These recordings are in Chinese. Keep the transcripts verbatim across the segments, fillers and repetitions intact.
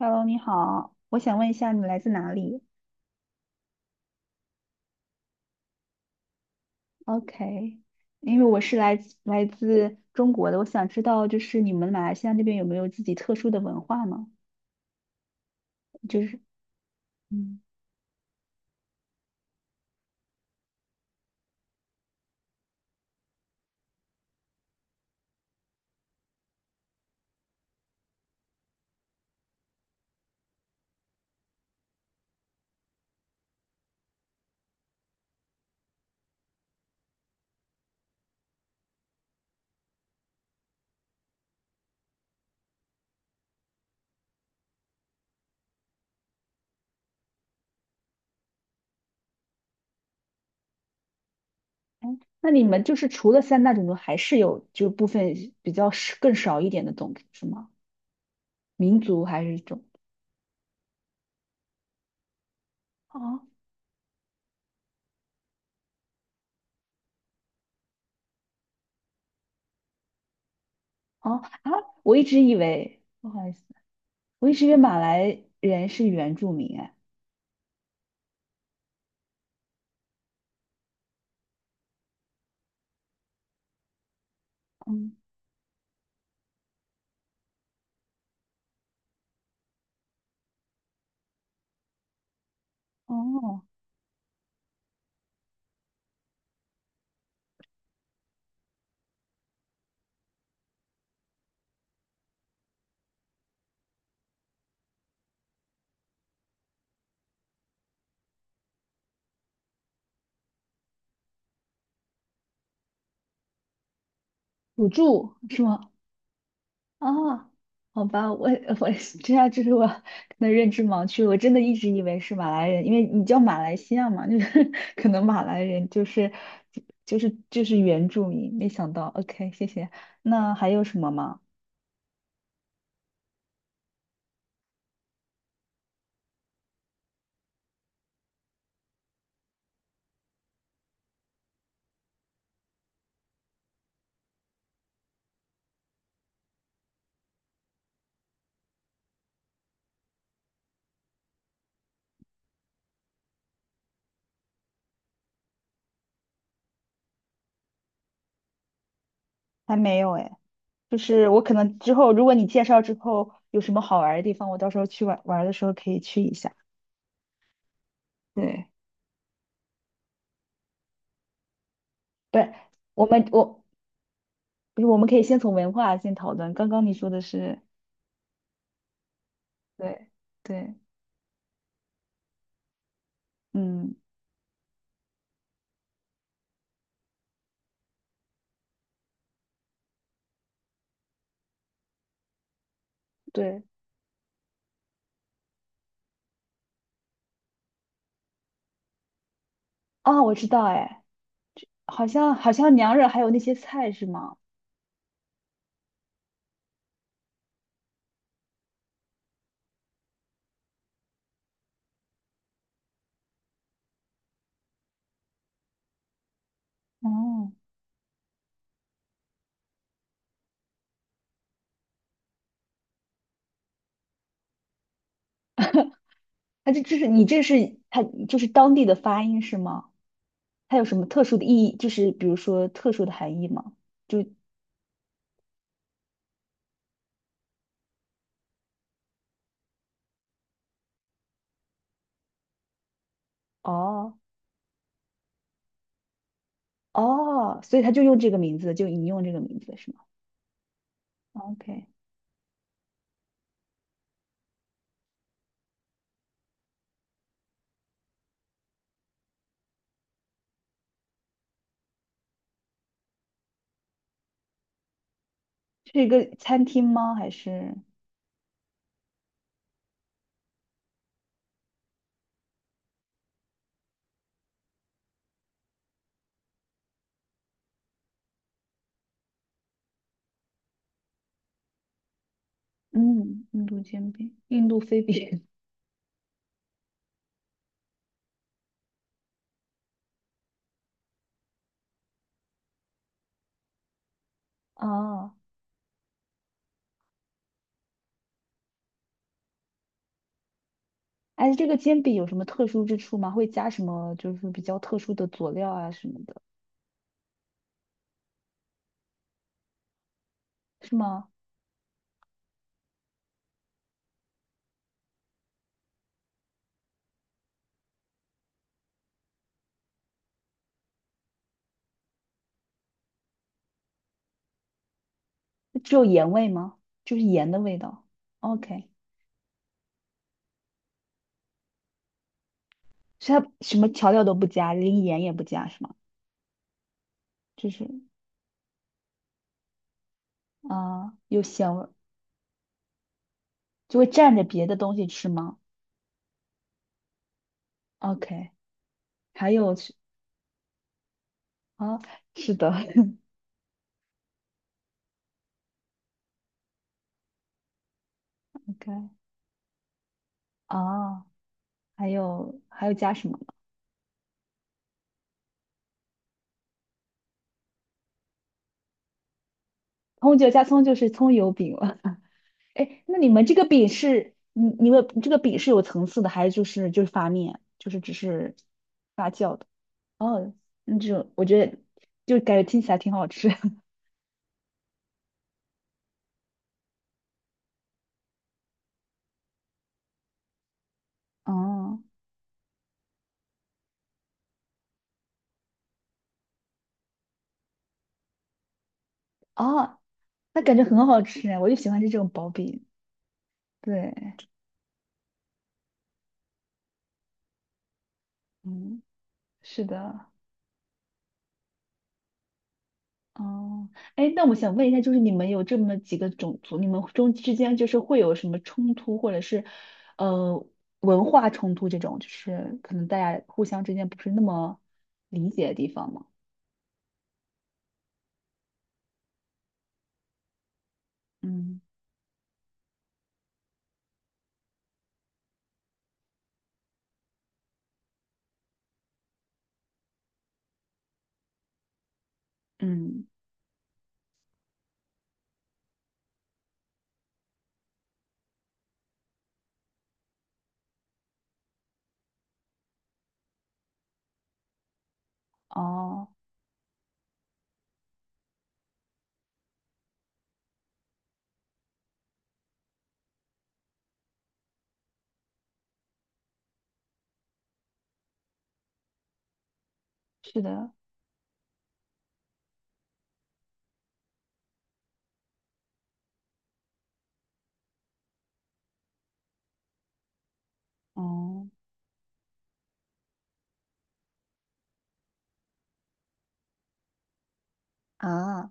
Hello，你好，我想问一下你来自哪里？OK，因为我是来自来自中国的，我想知道就是你们马来西亚那边有没有自己特殊的文化吗？就是，嗯，哎，那你们就是除了三大种族，还是有就部分比较少更少一点的种族是吗？民族还是种？哦哦啊，我一直以为，不好意思，我一直以为马来人是原住民哎，嗯哦，土著是吗？哦，好吧，我我是这样，就是我可能认知盲区，我真的一直以为是马来人，因为你叫马来西亚嘛，就是 可能马来人就是就是就是原住民，没想到，OK，谢谢。那还有什么吗？还没有哎，就是我可能之后如果你介绍之后有什么好玩儿的地方，我到时候去玩玩儿的时候可以去一下。对，不是我们我不是我们可以先从文化先讨论，刚刚你说的是对对，嗯。对。哦，我知道，哎，好像好像娘惹还有那些菜是吗？哦，它这这是你这是它就是当地的发音是吗？它有什么特殊的意义？就是比如说特殊的含义吗？就哦哦，所以他就用这个名字，就引用这个名字是吗哦？OK，是一个餐厅吗？还是嗯，印度煎饼，印度飞饼？哦，哎，这个煎饼有什么特殊之处吗？会加什么就是比较特殊的佐料啊什么的，是吗？只有盐味吗？就是盐的味道。OK，所以它什么调料都不加，连盐也不加是吗？就是啊、有咸味儿，就会蘸着别的东西吃吗？OK，还有是啊，是的 ，OK 啊，还有还有加什么呢？葱就加葱就是葱油饼了。哎，那你们这个饼是你你们这个饼是有层次的，还是就是就是发面，就是只是发酵的？哦，那这种我觉得就感觉听起来挺好吃。哦哦，那感觉很好吃哎，我就喜欢吃这种薄饼。对，嗯，是的。哦，哎，那我想问一下，就是你们有这么几个种族，你们中之间就是会有什么冲突，或者是呃文化冲突这种，就是可能大家互相之间不是那么理解的地方吗？嗯嗯，哦，是的，哦啊，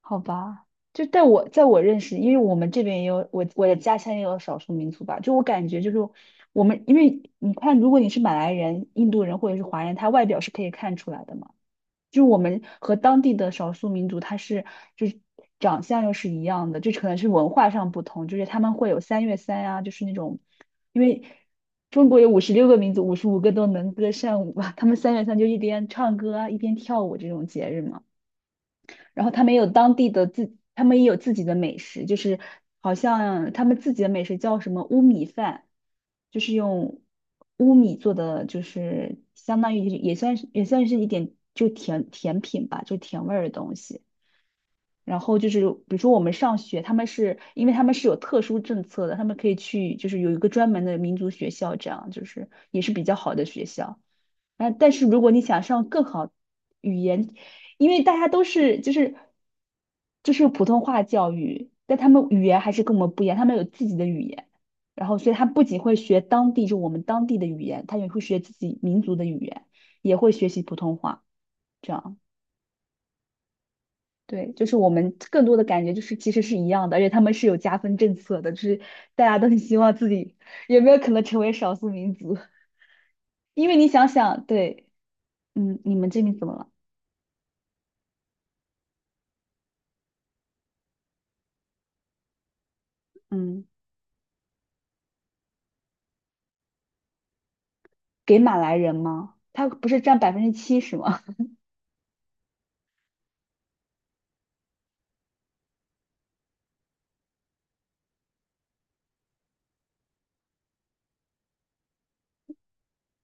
好吧，就在我在我认识，因为我们这边也有我我的家乡也有少数民族吧，就我感觉就是我们，因为你看，如果你是马来人、印度人或者是华人，他外表是可以看出来的嘛，就是我们和当地的少数民族，他是就是长相又是一样的，就可能是文化上不同，就是他们会有三月三啊，就是那种，因为中国有五十六个民族，五十五个都能歌善舞吧，他们三月三就一边唱歌啊，一边跳舞这种节日嘛。然后他们也有当地的自，他们也有自己的美食，就是好像他们自己的美食叫什么乌米饭，就是用乌米做的，就是相当于也算是也算是一点就甜甜品吧，就甜味儿的东西。然后就是，比如说我们上学，他们是因为他们是有特殊政策的，他们可以去，就是有一个专门的民族学校，这样就是也是比较好的学校。啊，但是如果你想上更好语言，因为大家都是就是就是普通话教育，但他们语言还是跟我们不一样，他们有自己的语言，然后所以他不仅会学当地就我们当地的语言，他也会学自己民族的语言，也会学习普通话，这样。对，就是我们更多的感觉就是其实是一样的，而且他们是有加分政策的，就是大家都很希望自己有没有可能成为少数民族，因为你想想，对，嗯，你们这边怎么了？嗯，给马来人吗？他不是占百分之七十吗？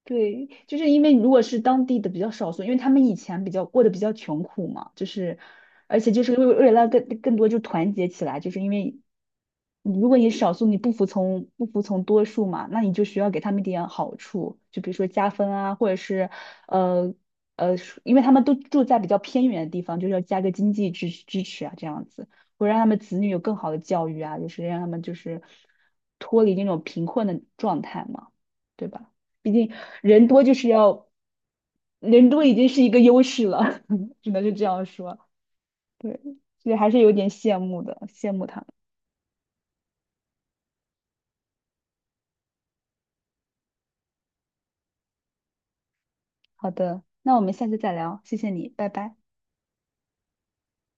对，就是因为如果是当地的比较少数，因为他们以前比较过得比较穷苦嘛，就是，而且就是为为了更更多就团结起来，就是因为你如果你少数你不服从不服从多数嘛，那你就需要给他们一点好处，就比如说加分啊，或者是呃呃，因为他们都住在比较偏远的地方，就是要加个经济支支持啊，这样子，会让他们子女有更好的教育啊，就是让他们就是脱离那种贫困的状态嘛，对吧？毕竟人多就是要，人多已经是一个优势了，只能是这样说。对，所以还是有点羡慕的，羡慕他们。好的，那我们下次再聊，谢谢你，拜拜。